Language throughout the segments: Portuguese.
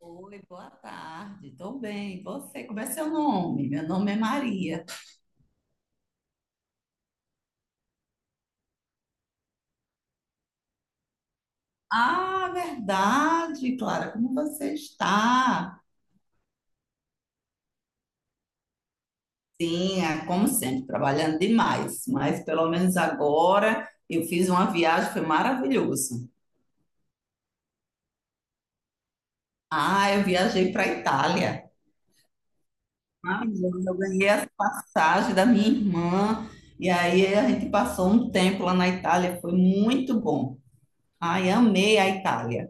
Oi, boa tarde. Tô bem. E Você, como é seu nome? Meu nome é Maria. Ah, verdade, Clara, como você está? Sim, é como sempre, trabalhando demais, mas pelo menos agora eu fiz uma viagem, foi maravilhoso. Ah, eu viajei para a Itália. Ah, eu ganhei as passagens da minha irmã e aí a gente passou um tempo lá na Itália, foi muito bom. Ai, amei a Itália.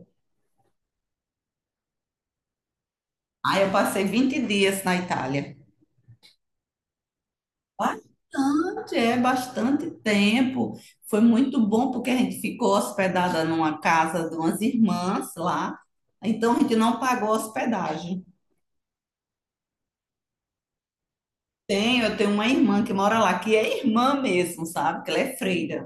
Ah, eu passei 20 dias na Itália. Bastante, é bastante tempo. Foi muito bom porque a gente ficou hospedada numa casa de umas irmãs lá. Então a gente não pagou hospedagem. Tem, eu tenho uma irmã que mora lá, que é irmã mesmo, sabe? Que ela é freira.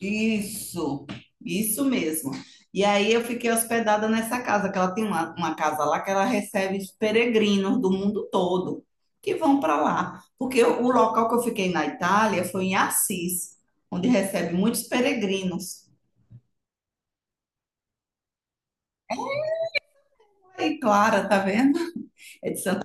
Isso, isso mesmo. E aí eu fiquei hospedada nessa casa, que ela tem uma casa lá que ela recebe os peregrinos do mundo todo que vão para lá. Porque o local que eu fiquei na Itália foi em Assis, onde recebe muitos peregrinos. Aí, Clara, tá vendo? É de Santa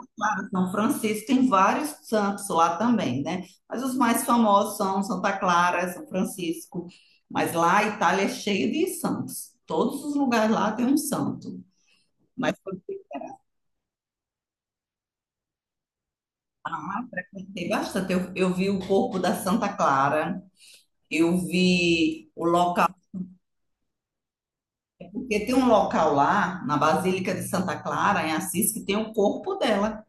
São Francisco, tem vários santos lá também, né? Mas os mais famosos são Santa Clara, São Francisco. Mas lá a Itália é cheia de santos. Todos os lugares lá tem um santo. Mas foi lá, frequentei bastante. Eu vi o corpo da Santa Clara, eu vi o local, porque tem um local lá, na Basílica de Santa Clara, em Assis, que tem o corpo dela.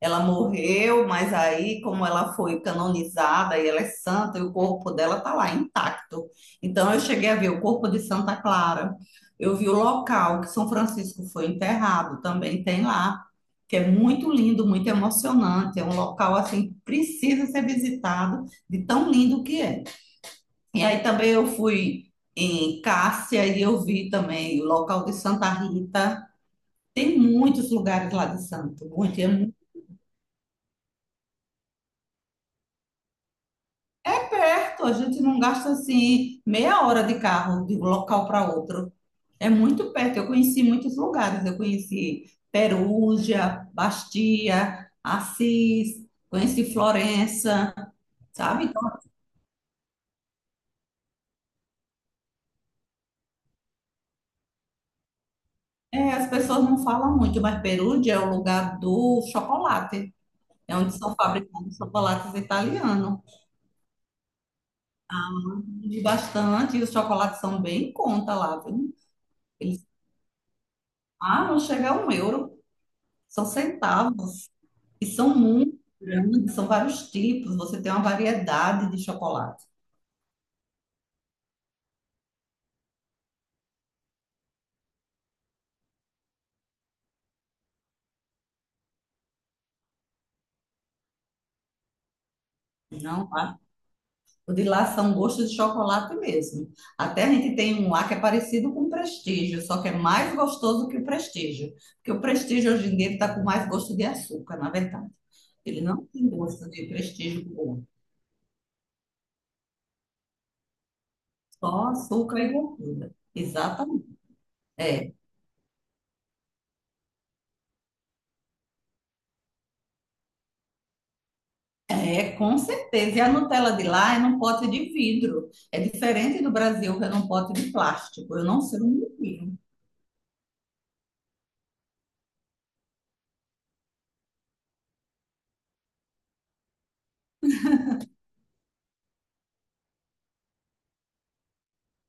Ela morreu, mas aí, como ela foi canonizada e ela é santa, e o corpo dela está lá intacto. Então, eu cheguei a ver o corpo de Santa Clara. Eu vi o local que São Francisco foi enterrado, também tem lá, que é muito lindo, muito emocionante. É um local assim, que precisa ser visitado, de tão lindo que é. E aí também eu fui em Cássia e eu vi também o local de Santa Rita. Tem muitos lugares lá de Santo, muito, é muito. É perto, a gente não gasta assim meia hora de carro de um local para outro. É muito perto. Eu conheci muitos lugares. Eu conheci Perugia, Bastia, Assis, conheci Florença, sabe? Então, é, as pessoas não falam muito, mas Perugia é o lugar do chocolate. É onde são fabricados chocolates italianos. E bastante, e os chocolates são bem em conta lá, viu? Eles, ah, não chega a um euro, são centavos. E são muito grandes, são vários tipos, você tem uma variedade de chocolate. Não, o de lá são gostos de chocolate mesmo. Até a gente tem um lá que é parecido com o Prestígio, só que é mais gostoso que o Prestígio. Porque o Prestígio hoje em dia está com mais gosto de açúcar, na verdade. Ele não tem gosto de Prestígio bom, só açúcar e gordura. Exatamente. É, com certeza. E a Nutella de lá é num pote de vidro. É diferente do Brasil, que é num pote de plástico. Eu não sei o motivo.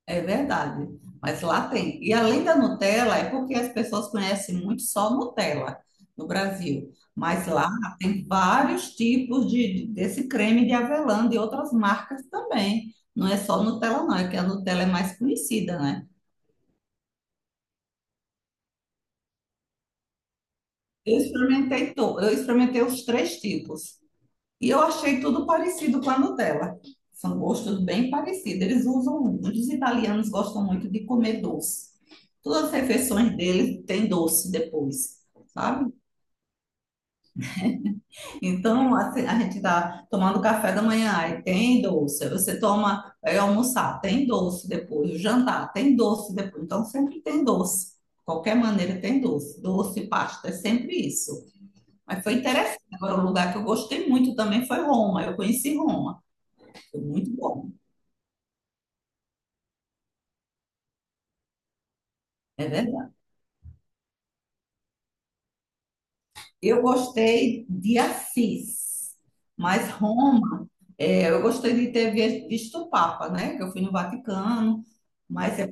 É verdade, mas lá tem. E além da Nutella, é porque as pessoas conhecem muito só Nutella no Brasil. Mas lá tem vários tipos desse creme de avelã de outras marcas também. Não é só Nutella, não, é que a Nutella é mais conhecida, né? Eu experimentei, eu experimentei os três tipos. E eu achei tudo parecido com a Nutella. São gostos bem parecidos. Eles usam, os italianos gostam muito de comer doce. Todas as refeições deles tem doce depois, sabe? Então, assim, a gente tá tomando café da manhã, aí tem doce. Aí Você toma, vai almoçar, tem doce depois. O jantar, tem doce depois. Então, sempre tem doce. Qualquer maneira tem doce. Doce, pasta, é sempre isso. Mas foi interessante. Agora, o lugar que eu gostei muito também foi Roma. Eu conheci Roma. Foi muito bom. É verdade. Eu gostei de Assis, mas Roma, é, eu gostei de ter visto o Papa, né? Que eu fui no Vaticano, mas é,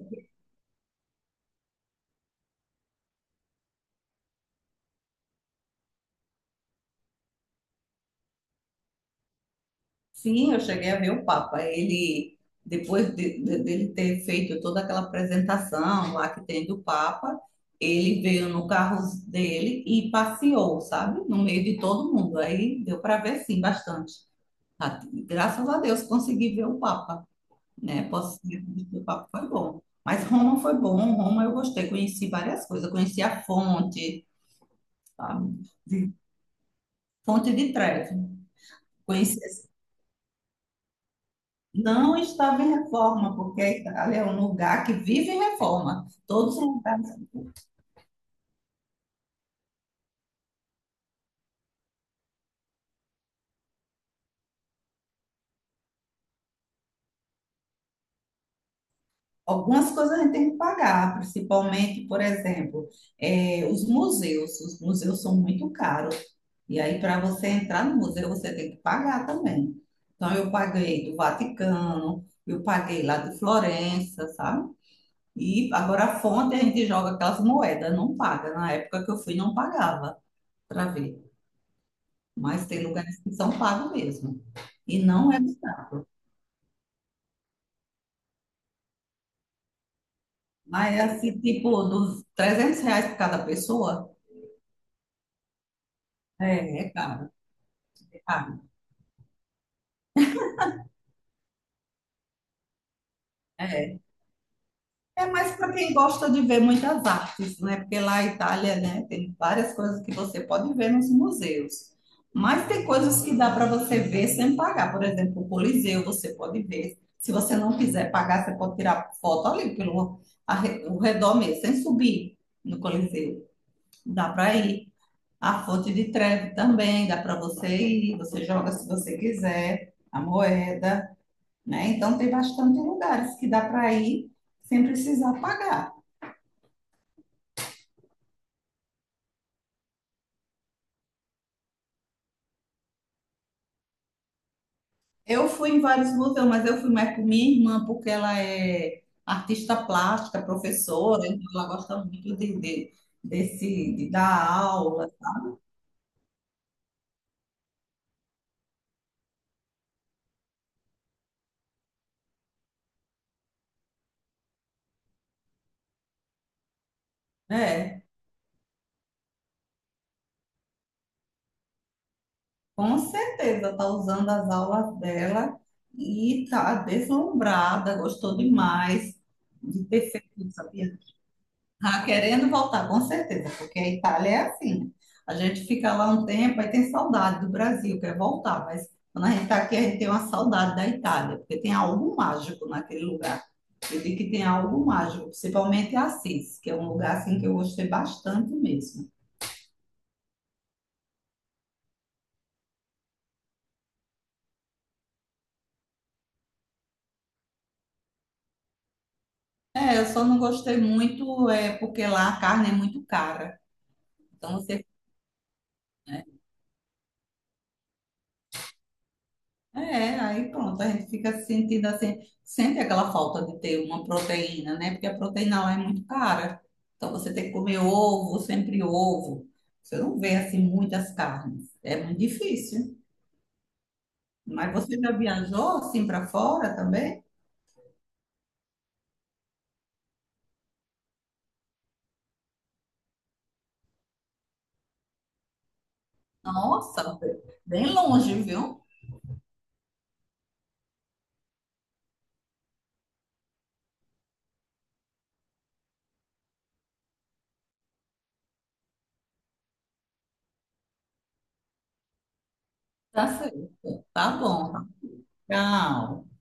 sim, eu cheguei a ver o Papa. Ele, depois dele ter feito toda aquela apresentação lá que tem do Papa, ele veio no carro dele e passeou, sabe? No meio de todo mundo. Aí deu para ver, sim, bastante. Ah, Graças a Deus consegui ver o Papa. Né? Posso dizer que o papo foi bom. Mas Roma foi bom, Roma eu gostei, conheci várias coisas, conheci a fonte, sabe? De- Fonte de Trevi. Conheci, não estava em reforma, porque ali é um lugar que vive em reforma. Todos os lugares. Algumas coisas a gente tem que pagar, principalmente, por exemplo, os museus. Os museus são muito caros. E aí, para você entrar no museu, você tem que pagar também. Então, eu paguei do Vaticano, eu paguei lá de Florença, sabe? E agora a fonte a gente joga aquelas moedas, não paga. Na época que eu fui, não pagava para ver. Mas tem lugares que são pagos mesmo. E não é barato. Mas é assim, tipo, dos R$ 300 por cada pessoa, é, é caro. É, é mais para quem gosta de ver muitas artes, né? Porque lá a Itália, né, tem várias coisas que você pode ver nos museus. Mas tem coisas que dá para você ver sem pagar. Por exemplo, o Coliseu você pode ver. Se você não quiser pagar, você pode tirar foto ali pelo o redor mesmo, sem subir no Coliseu. Dá para ir. A Fonte de Trevi também dá para você ir. Você joga se você quiser. A moeda, né? Então tem bastante lugares que dá para ir sem precisar pagar. Eu fui em vários museus, mas eu fui mais com minha irmã, porque ela é artista plástica, professora, então ela gosta muito de dar aula, né? Com certeza está usando as aulas dela e está deslumbrada, gostou demais de ter feito isso. Ah, querendo voltar, com certeza, porque a Itália é assim. A gente fica lá um tempo, aí tem saudade do Brasil, quer voltar, mas quando a gente está aqui, a gente tem uma saudade da Itália, porque tem algo mágico naquele lugar. Eu digo que tem algo mágico, principalmente Assis, que é um lugar assim que eu gostei bastante mesmo. É, eu só não gostei muito é porque lá a carne é muito cara. Então você. É, aí pronto, a gente fica se sentindo assim, sente aquela falta de ter uma proteína, né? Porque a proteína lá é muito cara. Então você tem que comer ovo, sempre ovo. Você não vê assim muitas carnes. É muito difícil. Mas você já viajou assim para fora também? Nossa, bem longe, viu? Tá certo. Tá bom. Tchau.